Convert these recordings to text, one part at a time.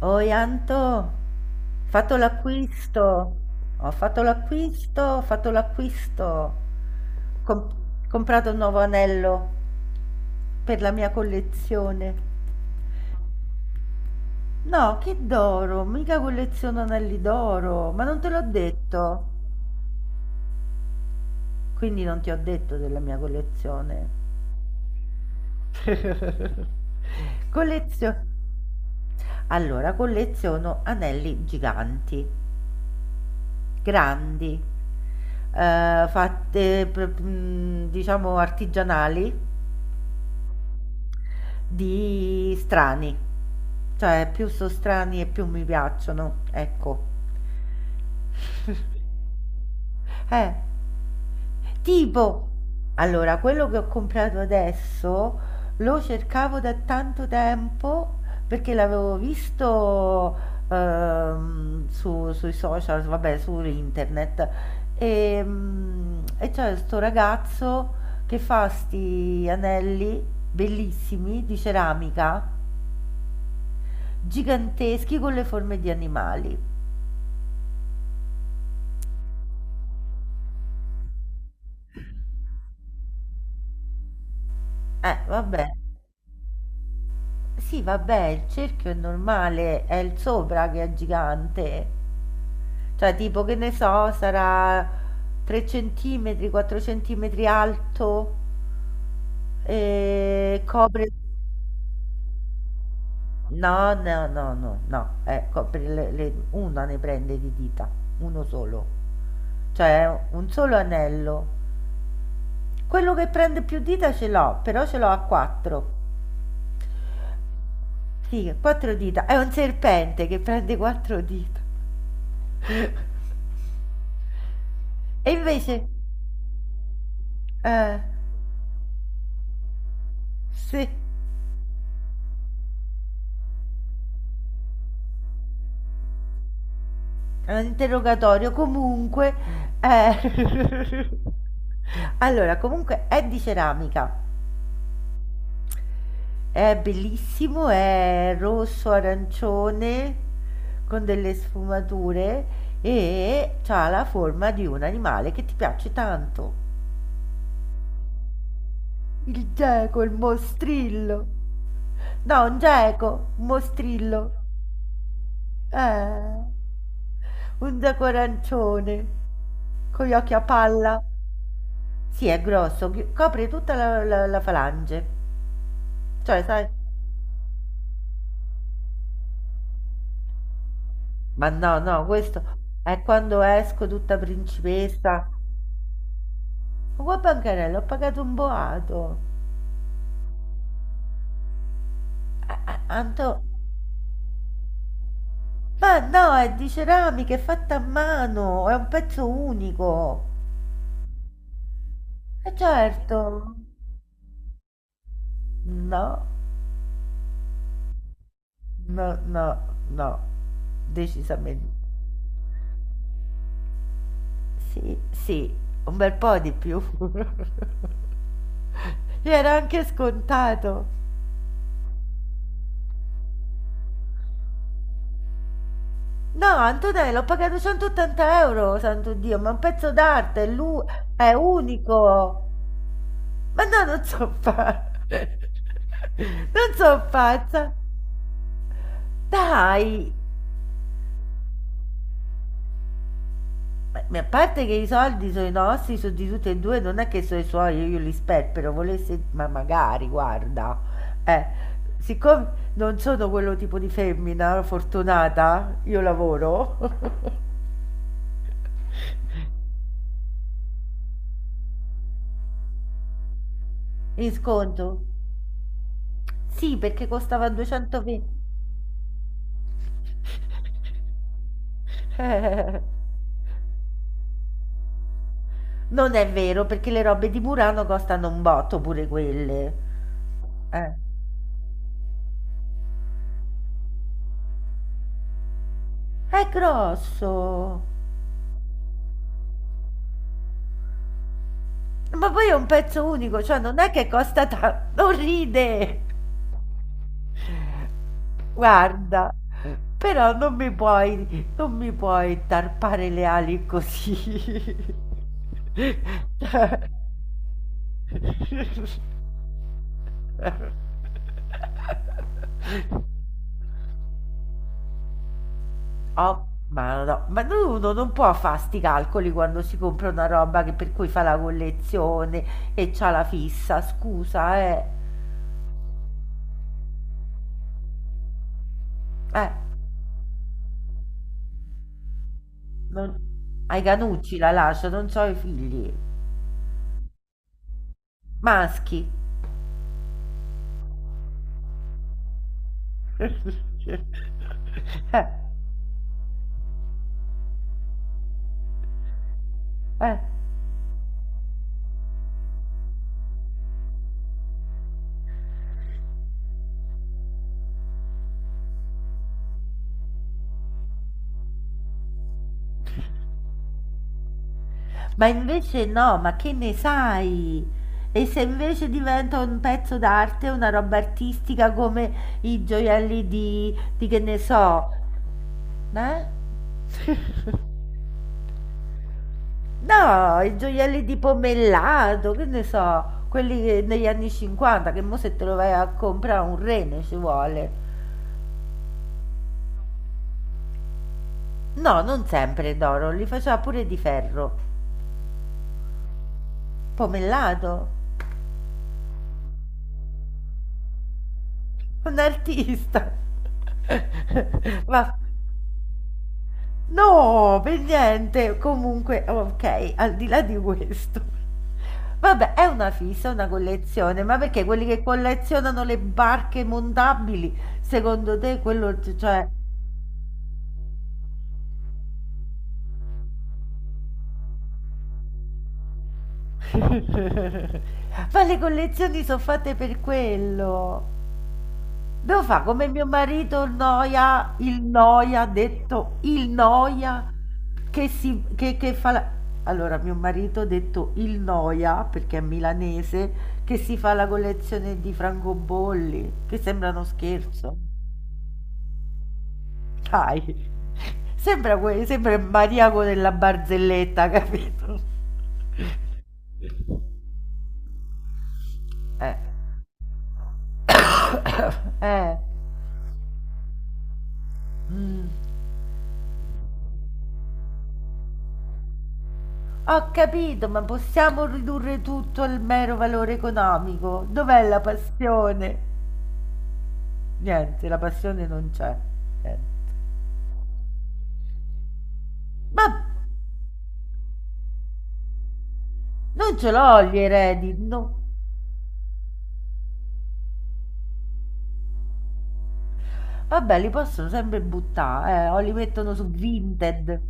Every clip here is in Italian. Oi Anto, ho fatto l'acquisto, ho fatto l'acquisto, ho fatto l'acquisto, Com- comprato un nuovo anello per la mia collezione. No, che d'oro, mica colleziono anelli d'oro, ma non te l'ho detto, quindi non ti ho detto della mia collezione. Collezio- allora, colleziono anelli giganti, grandi, fatte, diciamo, artigianali di strani. Cioè, più sono strani e più mi piacciono, ecco. Eh. Tipo, allora, quello che ho comprato adesso lo cercavo da tanto tempo perché l'avevo visto sui social, vabbè, su internet. E c'è sto ragazzo che fa sti anelli bellissimi di ceramica, giganteschi con le forme di animali. Vabbè. Sì, vabbè, il cerchio è normale, è il sopra che è gigante. Cioè, tipo, che ne so, sarà 3 centimetri, 4 centimetri alto e copre. No, no, no, no, no, copre una ne prende di dita, uno solo. Cioè, un solo anello. Quello che prende più dita ce l'ho, però ce l'ho a quattro. Sì, quattro dita. È un serpente che prende quattro dita. E invece, eh, se è un interrogatorio, comunque, eh, allora, comunque è di ceramica, è bellissimo, è rosso, arancione, con delle sfumature e ha la forma di un animale che ti piace tanto. Il geco, il mostrillo. No, un geco, un mostrillo. Eh, un zacorancione con gli occhi a palla. Sì, è grosso, copre tutta la falange. Cioè, sai, ma no, no, questo è quando esco tutta principessa. Ma qua bancarella, ho pagato un boato. Anto, ma no, è di ceramica, è fatta a mano, è un pezzo unico. E certo, no, no, no, no, decisamente. Sì, sì, un bel po' di più. Era anche scontato. No, Antonello, ho pagato 180 euro, santo Dio, ma è un pezzo d'arte, è unico. Ma no, non so pazza. Non so pazza. Dai. A parte che i soldi sono i nostri, sono di tutti e due, non è che sono i suoi, io li sperpero, volesse, ma magari, guarda. Eh, siccome non sono quello tipo di femmina fortunata, io lavoro. In sconto? Sì, perché costava 220. Non è vero, perché le robe di Murano costano un botto pure quelle. Eh. È grosso. Ma poi è un pezzo unico, cioè non è che costa tanto. Non ride. Guarda. Però non mi puoi tarpare le ali così. Oh, ma no, no. Ma no, uno non può fa' sti calcoli quando si compra una roba che per cui fa la collezione e c'ha la fissa, scusa, eh. Eh, non. Ai Canucci la lascio, non c'ho i figli. Maschi. Eh, eh. Ma invece no, ma che ne sai? E se invece diventa un pezzo d'arte, una roba artistica come i gioielli di che ne so, eh? No, i gioielli di pomellato, che ne so, quelli negli anni 50, che mo se te lo vai a comprare un rene ci vuole. No, non sempre d'oro, li faceva pure di ferro. Pomellato, un artista. Va No, per niente. Comunque, ok, al di là di questo. Vabbè, è una fissa, è una collezione, ma perché quelli che collezionano le barche montabili, secondo te quello, cioè. Ma le collezioni sono fatte per quello. Devo fare come mio marito il noia, detto il noia, che fa la. Allora, mio marito ha detto il noia, perché è milanese, che si fa la collezione di francobolli, che sembra uno scherzo. Dai, sembra il maniaco della barzelletta, capito? Eh, eh, mm. Ho capito, ma possiamo ridurre tutto al mero valore economico? Dov'è la passione? Niente, la passione non c'è. Niente. Ma non ce l'ho gli eredi, no. Vabbè, li possono sempre buttare, o li mettono su Vinted.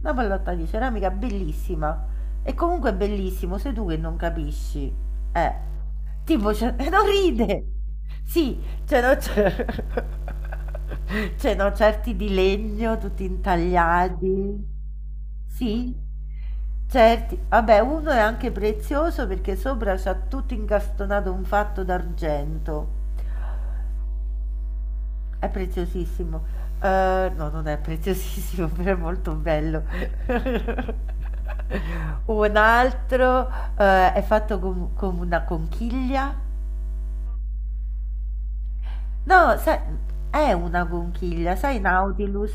Una pallotta di ceramica bellissima. E comunque è bellissimo, sei tu che non capisci. Eh, tipo, cioè, non ride. Sì, cioè, no, c'è. Cioè, no, certi di legno, tutti intagliati. Sì, certi. Vabbè, uno è anche prezioso perché sopra c'ha tutto incastonato un fatto d'argento. È preziosissimo. No, non è preziosissimo, però è molto bello. Un altro, è fatto con una conchiglia. No, sai, è una conchiglia, sai Nautilus?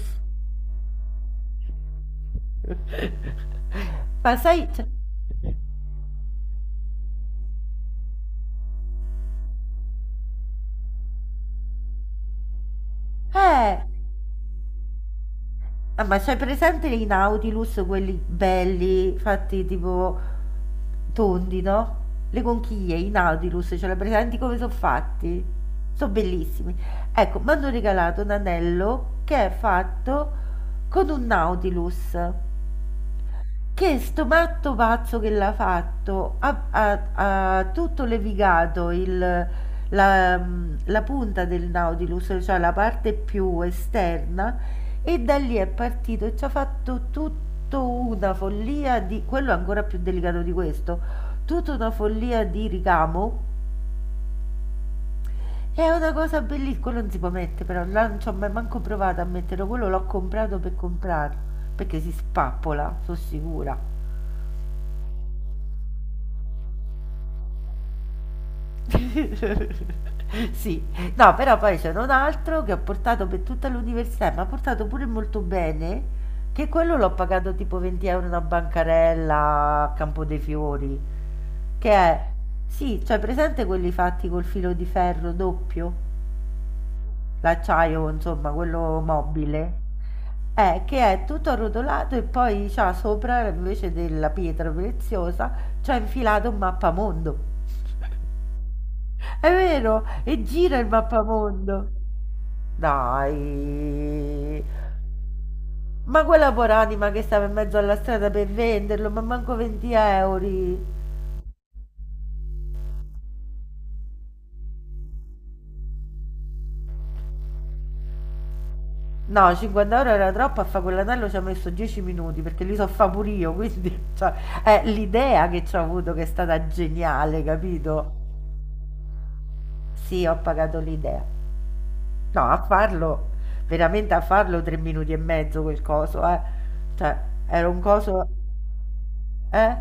Ma sai, cioè, eh, Ah, ma c'hai presente i Nautilus, quelli belli, fatti tipo tondi, no? Le conchiglie, i Nautilus, ce li hai presenti come sono fatti? Sono bellissimi. Ecco, mi hanno regalato un anello che è fatto con un Nautilus. Che sto matto pazzo che l'ha fatto, ha tutto levigato la punta del Nautilus, cioè la parte più esterna, e da lì è partito e ci ha fatto tutta una follia di, quello è ancora più delicato di questo, tutta una follia di ricamo. È una cosa bellissima, quello non si può mettere però, là non ci ho mai manco provato a metterlo, quello l'ho comprato per comprarlo, perché si spappola, sono sicura. Sì, no, però poi c'era un altro che ho portato per tutta l'università e m'ha portato pure molto bene, che quello l'ho pagato tipo 20 € una bancarella a Campo dei Fiori, che è, sì, cioè presente quelli fatti col filo di ferro doppio, l'acciaio, insomma, quello mobile, che è tutto arrotolato e poi c'ha sopra invece della pietra preziosa, c'ha infilato un mappamondo. È vero, e gira il mappamondo. Dai. Ma quella poranima che stava in mezzo alla strada per venderlo, ma manco 20 euro. No, 50 € era troppo, a fare quell'anello ci ha messo 10 minuti, perché li so fa pure io, quindi cioè, è l'idea che ci ho avuto che è stata geniale, capito? Sì, ho pagato l'idea. No, a farlo, veramente a farlo 3 minuti e mezzo quel coso, eh. Cioè, era un coso. Eh?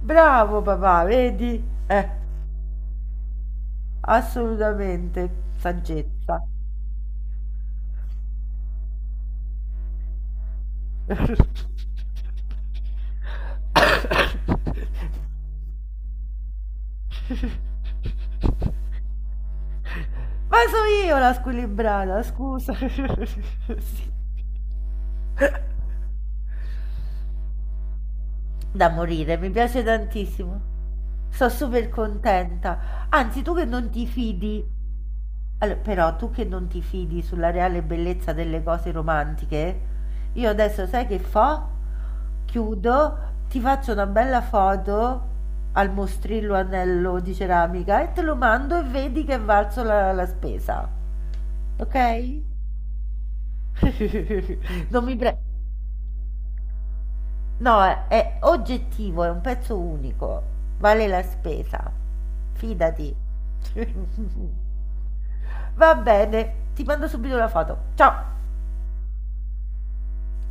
Bravo papà, vedi? Eh, assolutamente, saggezza. Ma so io la squilibrata, scusa. Sì. Da morire, mi piace tantissimo. Sono super contenta. Anzi, tu che non ti fidi. Allo però tu che non ti fidi sulla reale bellezza delle cose romantiche, io adesso sai che fo? Chiudo, ti faccio una bella foto al mostrillo anello di ceramica e te lo mando e vedi che è valso la spesa. Ok? Non mi pre. No, è oggettivo, è un pezzo unico, vale la spesa, fidati. Va bene, ti mando subito la foto. Ciao!